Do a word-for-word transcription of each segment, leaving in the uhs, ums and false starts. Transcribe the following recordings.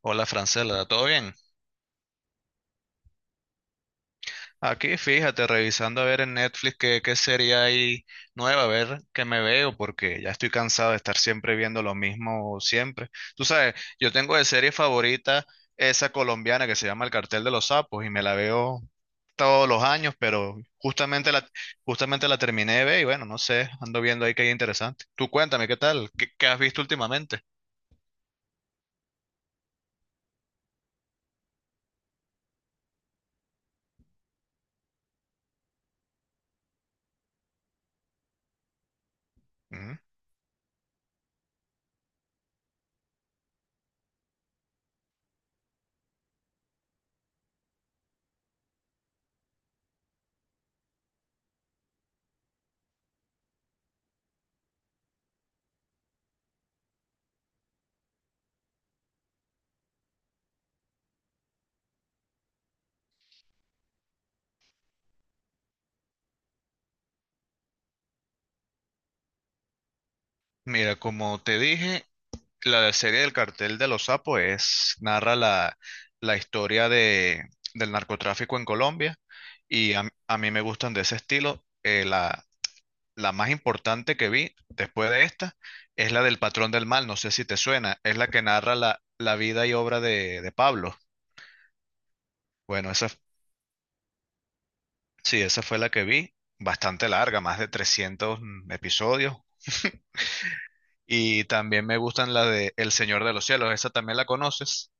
Hola Francela, ¿todo bien? Aquí fíjate, revisando a ver en Netflix qué, qué serie hay nueva, a ver qué me veo, porque ya estoy cansado de estar siempre viendo lo mismo siempre. Tú sabes, yo tengo de serie favorita esa colombiana que se llama El Cartel de los Sapos y me la veo todos los años, pero justamente la, justamente la terminé de ver y bueno, no sé, ando viendo ahí que hay interesante. Tú cuéntame, ¿qué tal? ¿Qué, qué has visto últimamente? Ujú. Mira, como te dije, la serie del cartel de los sapos es, narra la, la historia de, del narcotráfico en Colombia y a, a mí me gustan de ese estilo. Eh, la, la más importante que vi después de esta es la del patrón del mal, no sé si te suena, es la que narra la, la vida y obra de, de Pablo. Bueno, esa, sí, esa fue la que vi, bastante larga, más de trescientos episodios. Y también me gustan la de El Señor de los Cielos, esa también la conoces.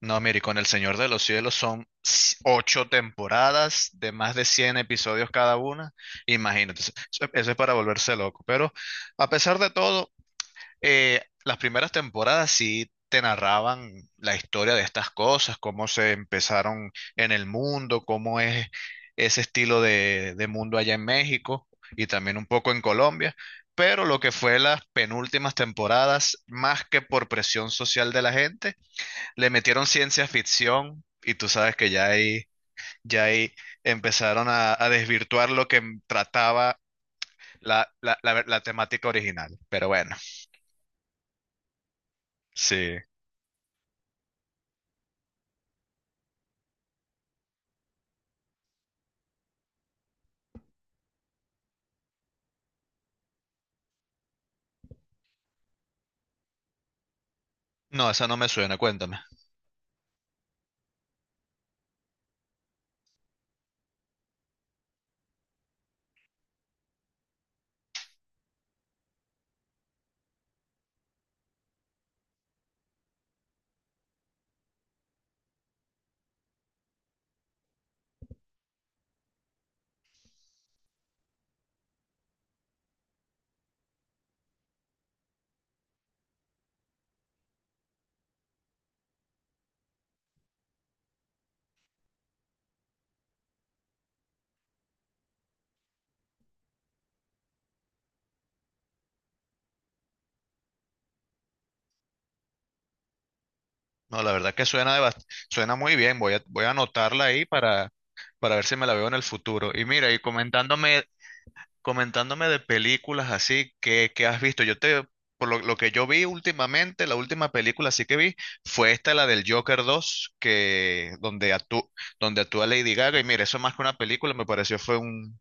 No, mire, y con El Señor de los Cielos son s- ocho temporadas de más de cien episodios cada una. Imagínate, eso, eso es para volverse loco. Pero a pesar de todo, eh, las primeras temporadas sí te narraban la historia de estas cosas, cómo se empezaron en el mundo, cómo es ese estilo de, de mundo allá en México y también un poco en Colombia. Pero lo que fue las penúltimas temporadas, más que por presión social de la gente, le metieron ciencia ficción y tú sabes que ya ahí, ya ahí empezaron a, a desvirtuar lo que trataba la, la, la- la temática original. Pero bueno, sí. No, esa no me suena, cuéntame. No, la verdad que suena, de bast- suena muy bien. Voy a, voy a anotarla ahí para, para ver si me la veo en el futuro. Y mira, y comentándome comentándome de películas así que, que has visto. Yo te, por lo, lo que yo vi últimamente, la última película así que vi fue esta, la del Joker dos que, donde, actú- donde actúa Lady Gaga. Y mira, eso más que una película me pareció fue un,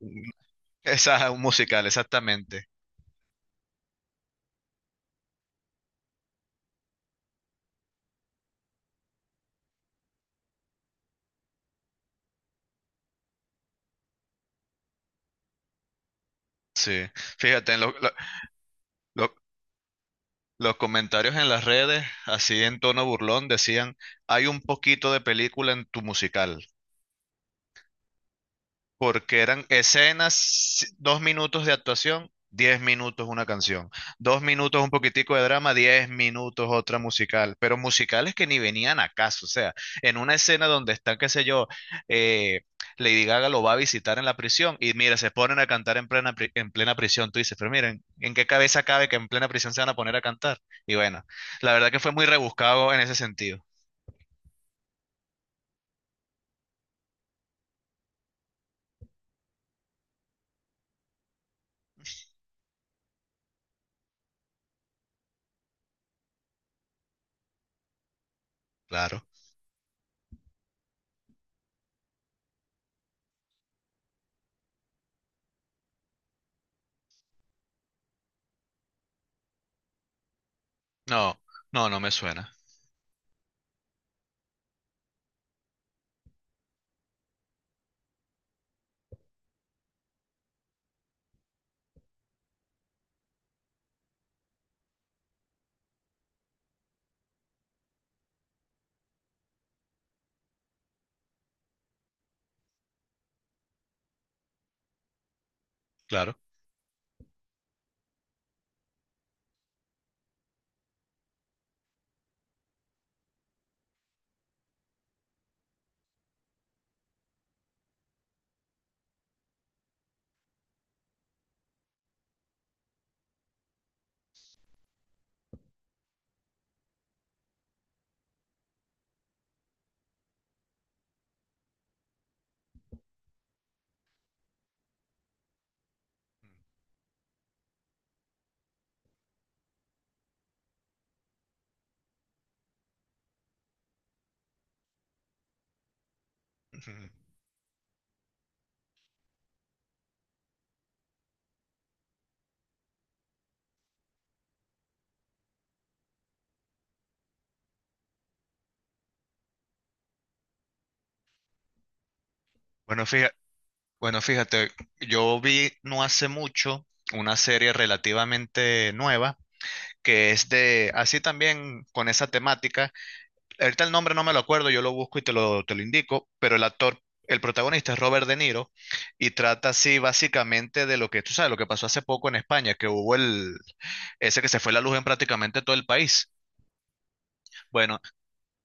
un- esa, un musical, exactamente. Sí. Fíjate, en lo- lo- lo- los comentarios en las redes, así en tono burlón, decían, hay un poquito de película en tu musical. Porque eran escenas, si, dos minutos de actuación, diez minutos una canción, dos minutos un poquitico de drama, diez minutos otra musical, pero musicales que ni venían a caso, o sea, en una escena donde están, qué sé yo, eh, Lady Gaga lo va a visitar en la prisión y mira, se ponen a cantar en plena, pri- en plena prisión, tú dices, pero miren, ¿en qué cabeza cabe que en plena prisión se van a poner a cantar? Y bueno, la verdad que fue muy rebuscado en ese sentido, claro. No, no, no me suena, claro. Ujú. Bueno, fíjate. Bueno, fíjate, yo vi no hace mucho una serie relativamente nueva que es de, así también con esa temática. Ahorita el nombre no me lo acuerdo, yo lo busco y te lo, te lo indico, pero el actor, el protagonista es Robert De Niro y trata así básicamente de lo que, tú sabes, lo que pasó hace poco en España, que hubo el, ese que se fue la luz en prácticamente todo el país. Bueno,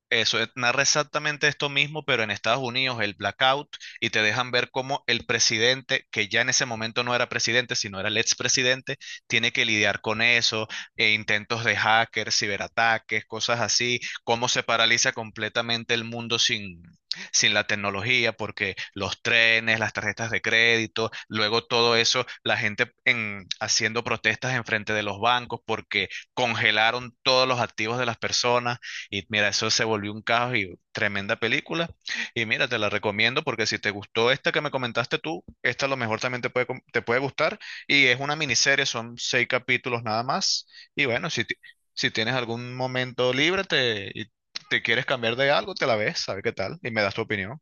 eso eh, narra exactamente esto mismo, pero en Estados Unidos, el blackout, y te dejan ver cómo el presidente, que ya en ese momento no era presidente, sino era el expresidente, tiene que lidiar con eso, e intentos de hackers, ciberataques, cosas así, cómo se paraliza completamente el mundo sin, sin la tecnología, porque los trenes, las tarjetas de crédito, luego todo eso, la gente en- haciendo protestas enfrente de los bancos porque congelaron todos los activos de las personas y mira, eso se volvió un caos y tremenda película. Y mira, te la recomiendo porque si te gustó esta que me comentaste tú, esta a lo mejor también te puede, com- te puede gustar. Y es una miniserie, son seis capítulos nada más. Y bueno, si, ti- si tienes algún momento libre te, y te quieres cambiar de algo, te la ves, a ver qué tal, y me das tu opinión.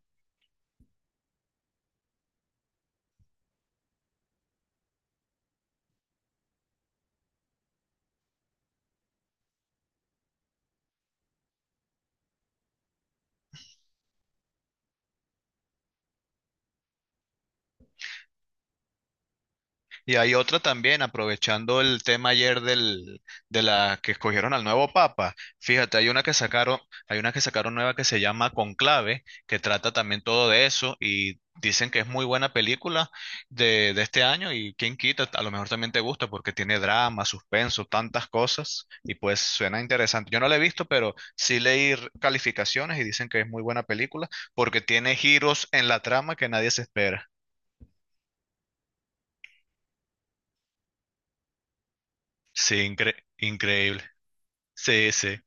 Y hay otra también, aprovechando el tema ayer del, de la que escogieron al nuevo papa. Fíjate, hay una que sacaron, hay una que sacaron nueva que se llama Conclave, que trata también todo de eso y dicen que es muy buena película de, de este año y quién quita, a lo mejor también te gusta porque tiene drama, suspenso, tantas cosas y pues suena interesante. Yo no la he visto, pero sí leí r- calificaciones y dicen que es muy buena película porque tiene giros en la trama que nadie se espera. Sí, incre- increíble. Sí, sí.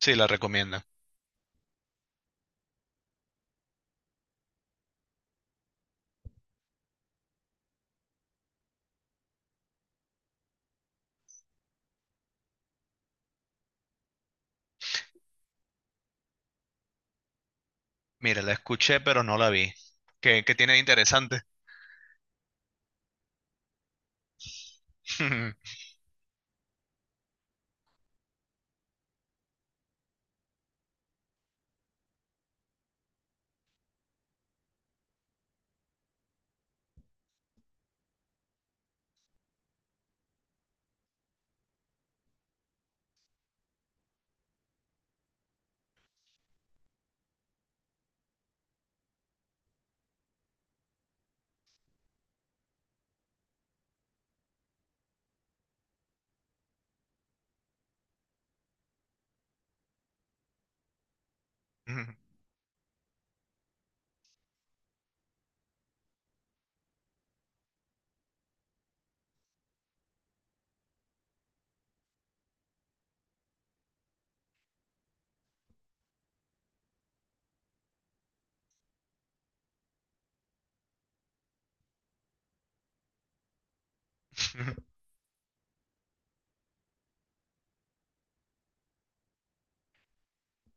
Sí, la recomienda. Mira, la escuché, pero no la vi. ¿Qué, qué tiene de interesante?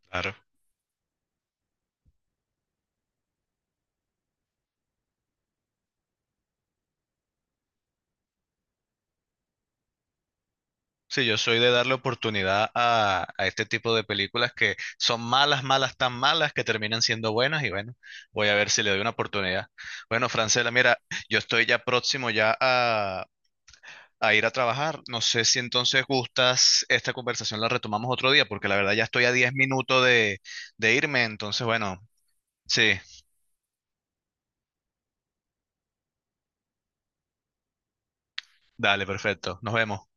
Claro. Sí, yo soy de darle oportunidad a, a este tipo de películas que son malas, malas, tan malas que terminan siendo buenas y bueno, voy a ver si le doy una oportunidad. Bueno, Francela, mira, yo estoy ya próximo ya a, a ir a trabajar. No sé si entonces gustas esta conversación la retomamos otro día porque la verdad ya estoy a diez minutos de, de irme, entonces bueno, sí, dale, perfecto. Nos vemos.